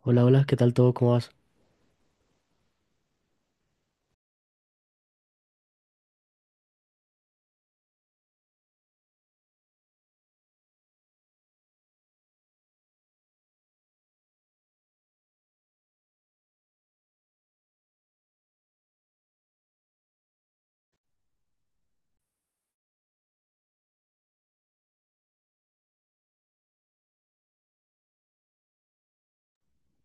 Hola, hola, ¿qué tal todo? ¿Cómo vas?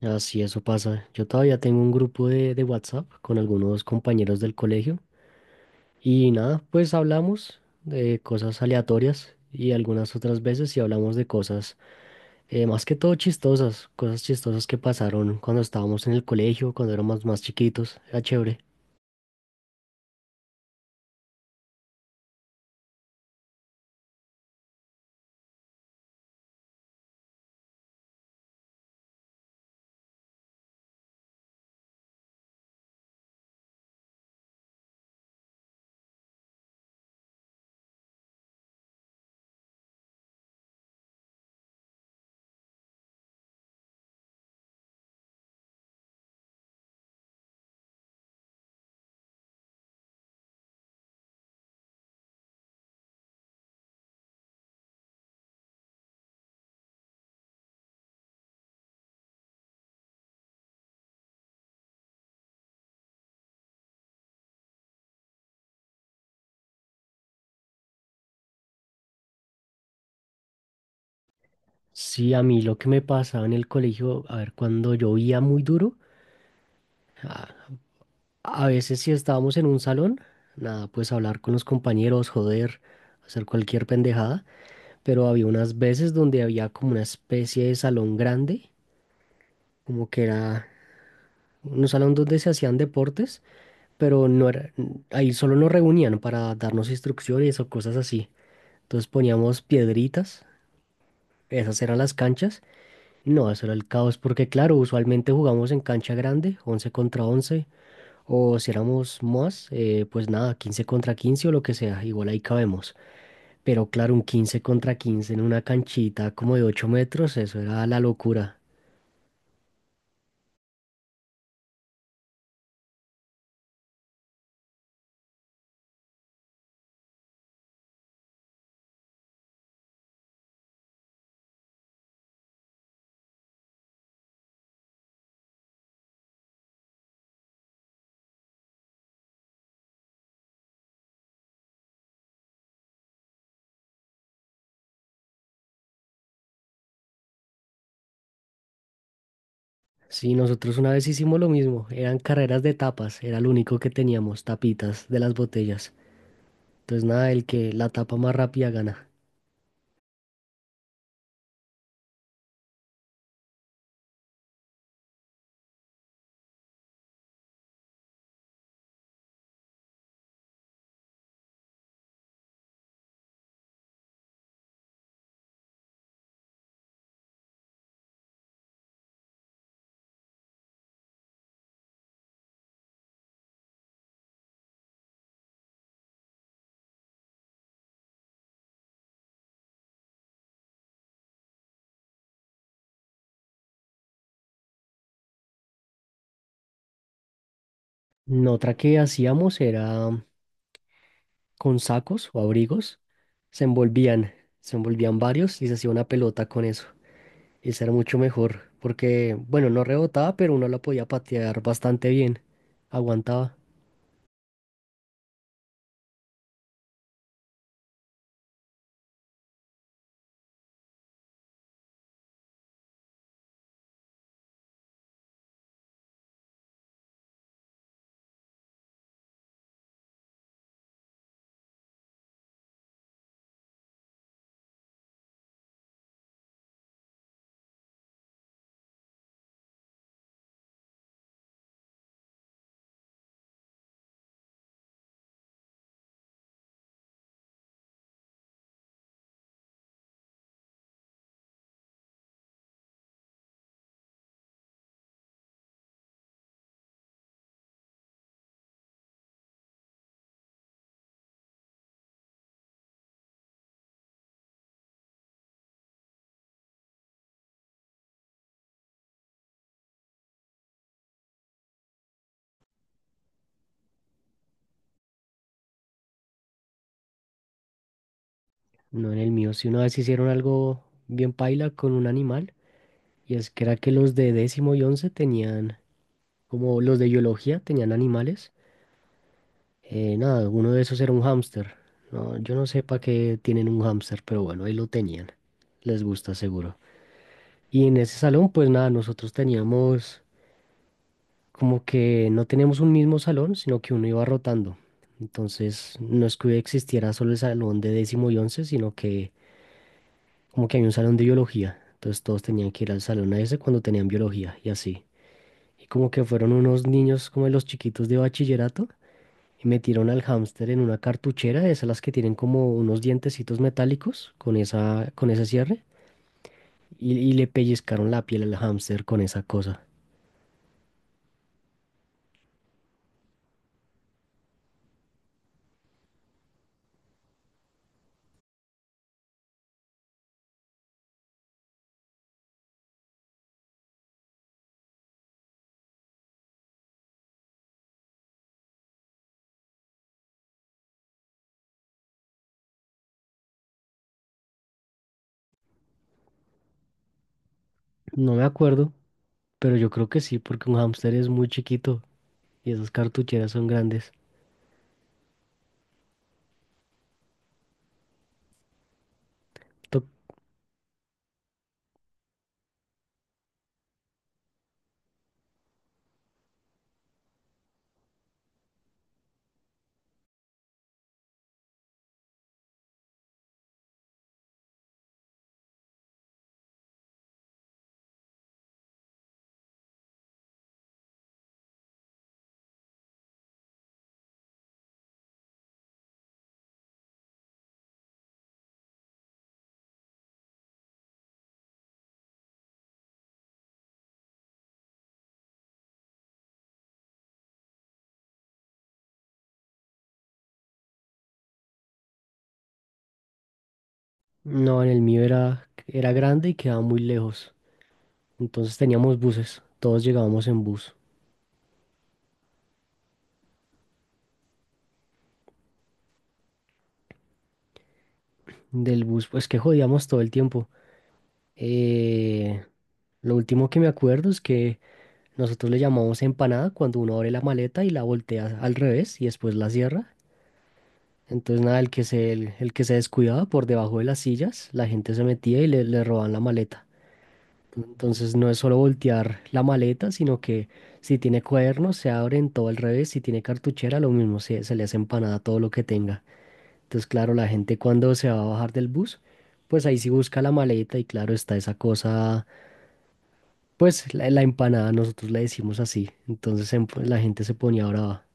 Así eso pasa. Yo todavía tengo un grupo de WhatsApp con algunos compañeros del colegio y nada, pues hablamos de cosas aleatorias y algunas otras veces sí hablamos de cosas más que todo chistosas, cosas chistosas que pasaron cuando estábamos en el colegio, cuando éramos más chiquitos. Era chévere. Sí, a mí lo que me pasaba en el colegio, a ver, cuando llovía muy duro. ah, A veces si estábamos en un salón, nada, pues hablar con los compañeros, joder, hacer cualquier pendejada, pero había unas veces donde había como una especie de salón grande, como que era un salón donde se hacían deportes, pero no era, ahí solo nos reunían para darnos instrucciones o cosas así. Entonces poníamos piedritas, esas eran las canchas. No, eso era el caos porque claro, usualmente jugamos en cancha grande, 11 contra 11. O si éramos más, pues nada, 15 contra 15 o lo que sea, igual ahí cabemos. Pero claro, un 15 contra 15 en una canchita como de 8 metros, eso era la locura. Sí, nosotros una vez hicimos lo mismo, eran carreras de tapas, era lo único que teníamos, tapitas de las botellas. Entonces nada, el que la tapa más rápida gana. Mm, otra que hacíamos era con sacos o abrigos, se envolvían, se envolvían varios y se hacía una pelota con eso. Y ser mucho mejor, porque, bueno, no rebotaba, pero uno la podía patear bastante bien, aguantaba. No en el mío, si una vez hicieron algo bien paila con un animal, y es que era que los de décimo y once tenían, como los de biología tenían animales, nada, uno de esos era un hámster. No, yo no sé para qué tienen un hámster, pero bueno, ahí lo tenían. Les gusta seguro. Y en ese salón, pues nada, nosotros teníamos como que no tenemos un mismo salón, sino que uno iba rotando. Entonces, no es que existiera solo el salón de décimo y once, sino que como que hay un salón de biología. Entonces, todos tenían que ir al salón a ese cuando tenían biología y así. Y como que fueron unos niños como de los chiquitos de bachillerato y metieron al hámster en una cartuchera, de esas las que tienen como unos dientecitos metálicos con esa, con ese cierre. Y le pellizcaron la piel al hámster con esa cosa. No me acuerdo, pero yo creo que sí, porque un hámster es muy chiquito. Y esas cartucheras son grandes. To- No, en el mío era grande y quedaba muy lejos. Entonces teníamos buses, todos llegábamos en bus. Del bus, pues que jodíamos todo el tiempo. Eh, lo último que me acuerdo es que nosotros le llamamos empanada cuando uno abre la maleta y la voltea al revés y después la cierra. Entonces nada, el que se descuidaba por debajo de las sillas, la gente se metía y le robaban la maleta. Entonces no es solo voltear la maleta, sino que si tiene cuadernos se abren todo al revés, si tiene cartuchera lo mismo, se le hace empanada todo lo que tenga. Entonces claro, la gente cuando se va a bajar del bus, pues ahí sí busca la maleta y claro está esa cosa, pues la empanada nosotros le decimos así. Entonces pues la gente se ponía brava.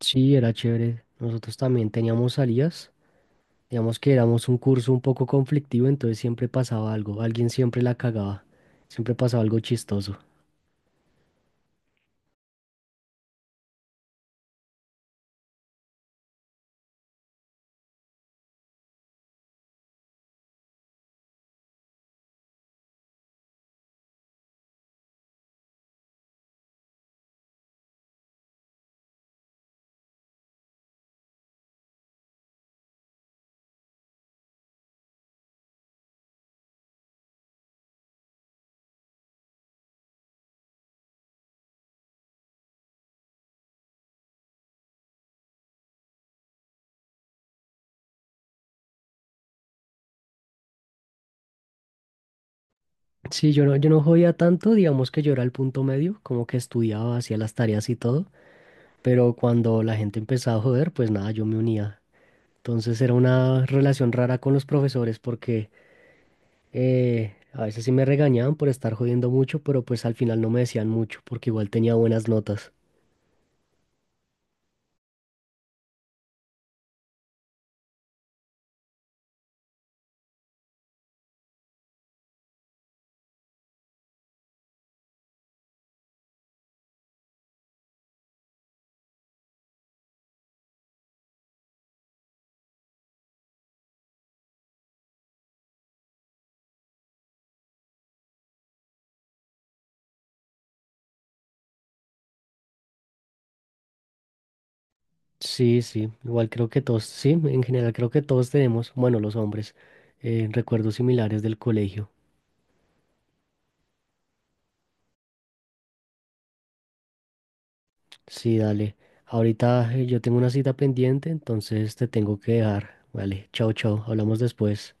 Sí, era chévere. Nosotros también teníamos salidas. Digamos que éramos un curso un poco conflictivo, entonces siempre pasaba algo, alguien siempre la cagaba, siempre pasaba algo chistoso. Sí, yo no jodía tanto, digamos que yo era el punto medio, como que estudiaba, hacía las tareas y todo, pero cuando la gente empezaba a joder, pues nada, yo me unía. Entonces era una relación rara con los profesores porque a veces sí me regañaban por estar jodiendo mucho, pero pues al final no me decían mucho porque igual tenía buenas notas. Sí, sí, igual creo que todos, sí, en general creo que todos tenemos, bueno, los hombres, recuerdos similares del colegio. Sí, dale. Ahorita yo tengo una cita pendiente, entonces te tengo que dejar. Vale, chao, chao. Hablamos después.